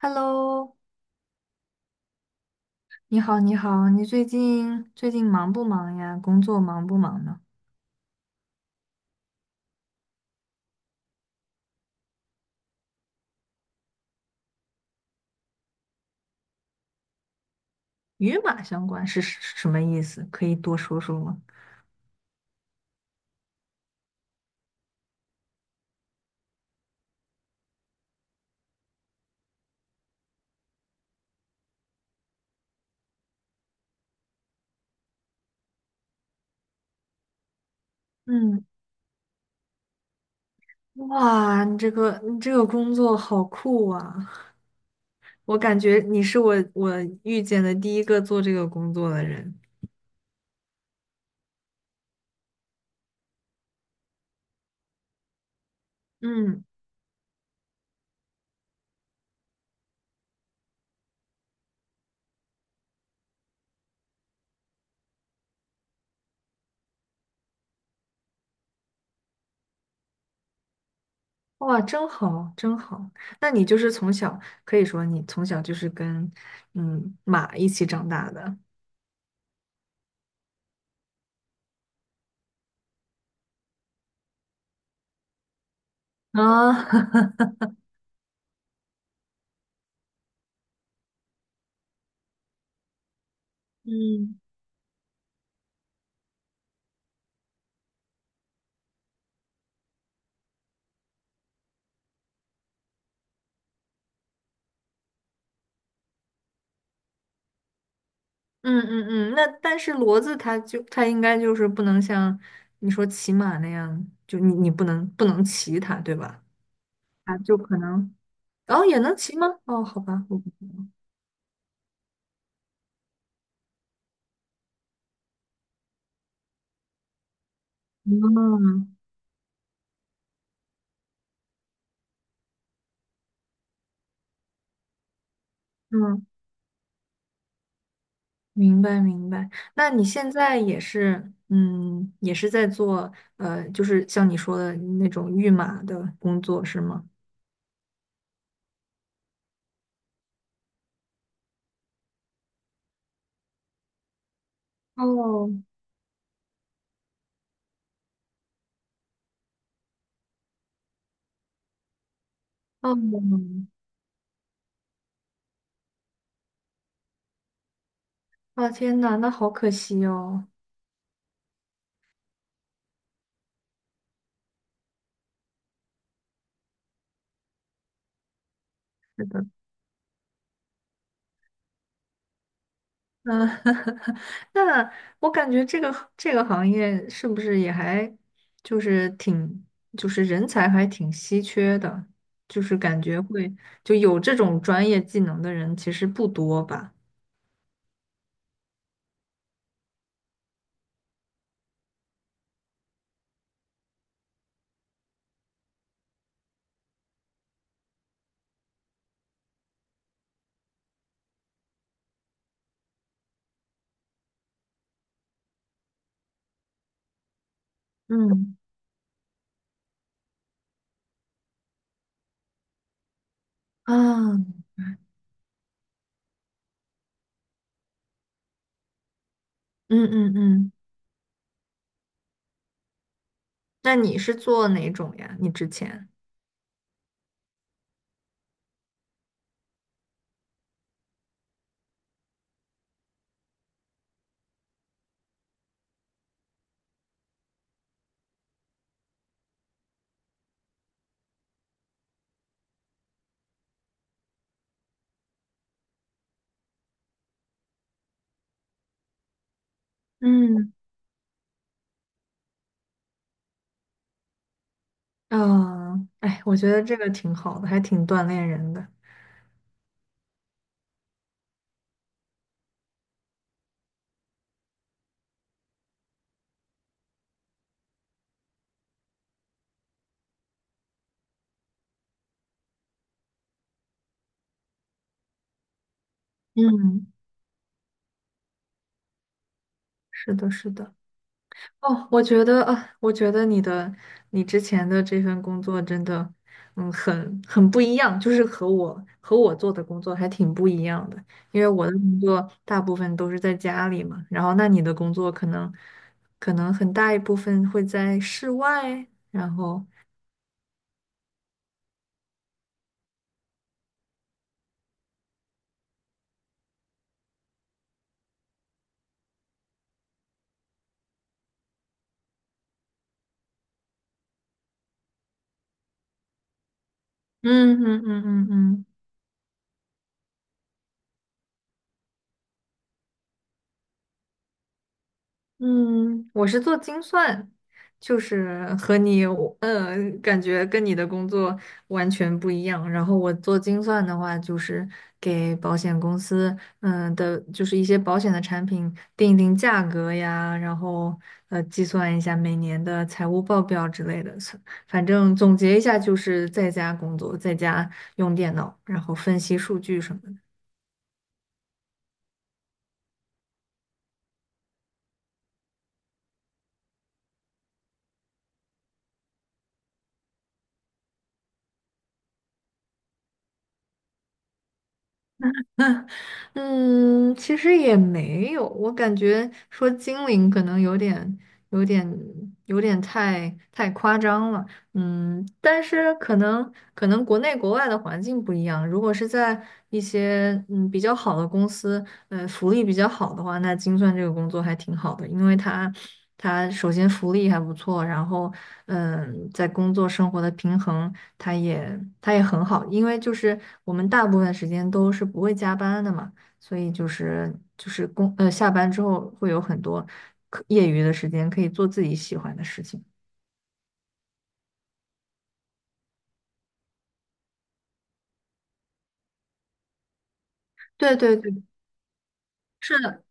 Hello，你好，你好，你最近忙不忙呀？工作忙不忙呢？与马相关是什么意思？可以多说说吗？嗯，哇，你这个工作好酷啊！我感觉你是我遇见的第一个做这个工作的人。嗯，哇，真好，真好。那你就是从小，可以说你从小就是跟马一起长大的啊。嗯。嗯嗯嗯，那但是骡子它应该就是不能像你说骑马那样，就你不能骑它，对吧？啊，就可能，然后也能骑吗？哦，好吧，我不，嗯嗯，明白明白。那你现在也是，也是在做，就是像你说的那种御马的工作是吗？哦哦，啊天呐，那好可惜哦。是的。嗯，那我感觉这个行业是不是也还就是挺就是人才还挺稀缺的，就是感觉会就有这种专业技能的人其实不多吧？嗯啊，嗯嗯嗯，那你是做哪种呀？你之前？嗯啊，哎，我觉得这个挺好的，还挺锻炼人的。嗯，是的，是的。哦，我觉得啊，我觉得你之前的这份工作真的，嗯，很不一样，就是和我做的工作还挺不一样的。因为我的工作大部分都是在家里嘛，然后那你的工作可能很大一部分会在室外，然后嗯嗯嗯嗯嗯。嗯，我是做精算，就是和你有，感觉跟你的工作完全不一样。然后我做精算的话，就是给保险公司，的，就是一些保险的产品定一定价格呀，然后计算一下每年的财务报表之类的。反正总结一下，就是在家工作，在家用电脑，然后分析数据什么的。嗯，其实也没有，我感觉说精灵可能有点、有点太夸张了。嗯，但是可能国内国外的环境不一样，如果是在一些比较好的公司，福利比较好的话，那精算这个工作还挺好的，因为它首先福利还不错，然后在工作生活的平衡，它也很好，因为就是我们大部分时间都是不会加班的嘛。所以就是下班之后会有很多业余的时间可以做自己喜欢的事情。对对对，是的，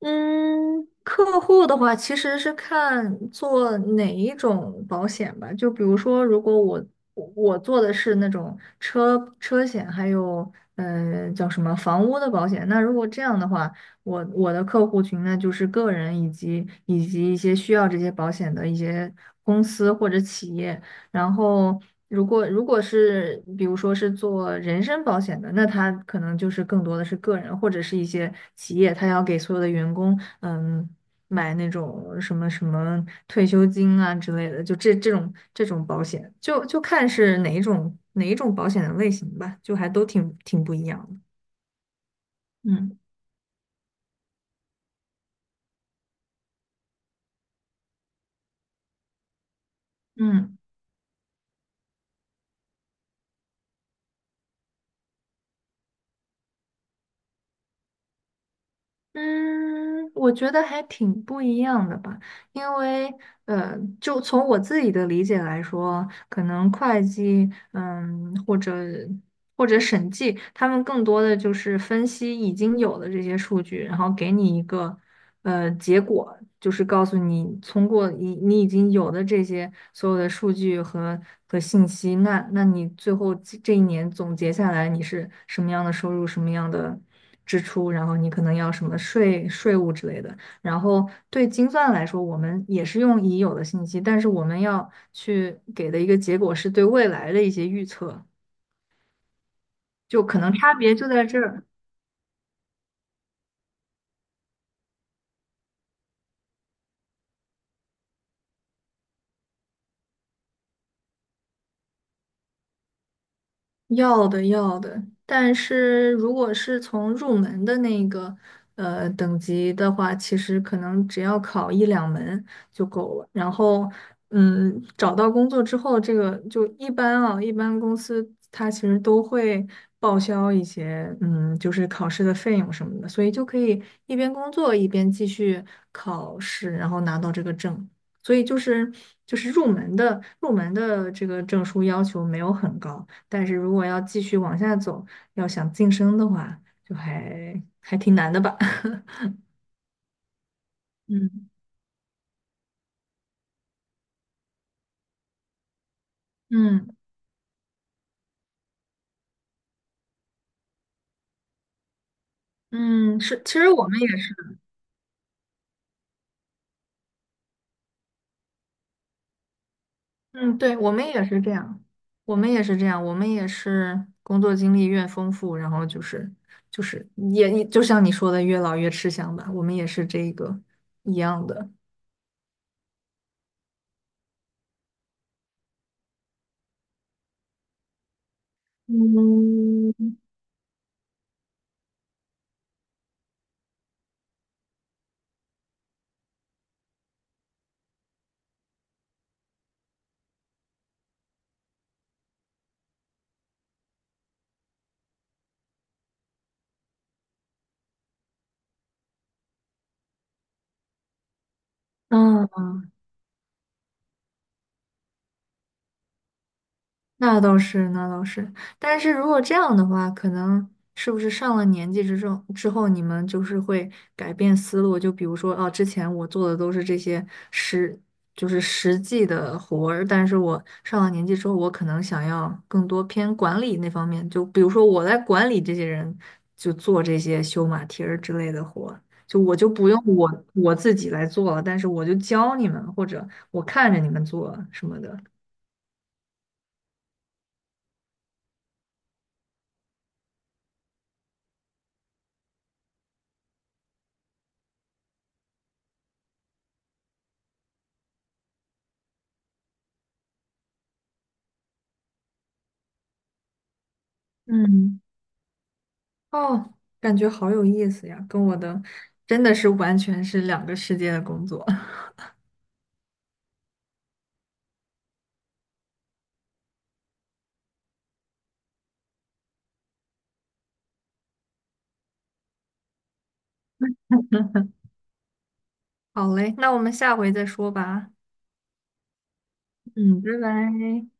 嗯，客户的话其实是看做哪一种保险吧，就比如说如果我做的是那种车险，还有叫什么房屋的保险，那如果这样的话，我的客户群呢就是个人以及一些需要这些保险的一些公司或者企业。然后，如果是比如说是做人身保险的，那他可能就是更多的是个人或者是一些企业，他要给所有的员工，嗯，买那种什么什么退休金啊之类的，就这种保险，就看是哪一种保险的类型吧，就还都挺不一样的。嗯嗯。嗯，我觉得还挺不一样的吧，因为就从我自己的理解来说，可能会计，或者审计，他们更多的就是分析已经有的这些数据，然后给你一个结果，就是告诉你，通过你已经有的这些所有的数据和信息，那你最后这一年总结下来，你是什么样的收入，什么样的支出，然后你可能要什么税务之类的。然后对精算来说，我们也是用已有的信息，但是我们要去给的一个结果是对未来的一些预测，就可能差别就在这儿。要的要的，但是如果是从入门的那个等级的话，其实可能只要考一两门就够了。然后，找到工作之后，这个就一般啊，一般公司它其实都会报销一些，就是考试的费用什么的，所以就可以一边工作一边继续考试，然后拿到这个证。所以就是入门的这个证书要求没有很高。但是如果要继续往下走，要想晋升的话，就还挺难的吧。嗯嗯嗯，是，其实我们也是，嗯，对，我们也是这样，我们也是这样，我们也是工作经历越丰富，然后就是也就像你说的，越老越吃香吧，我们也是这个一样的。嗯嗯，那倒是，那倒是。但是如果这样的话，可能是不是上了年纪之后，你们就是会改变思路？就比如说，哦，之前我做的都是这些实，就是实际的活儿，但是我上了年纪之后，我可能想要更多偏管理那方面。就比如说，我来管理这些人，就做这些修马蹄儿之类的活儿就我就不用我自己来做了，但是我就教你们，或者我看着你们做什么的。嗯。哦，感觉好有意思呀，跟我的真的是完全是两个世界的工作。好嘞，那我们下回再说吧。嗯，拜拜。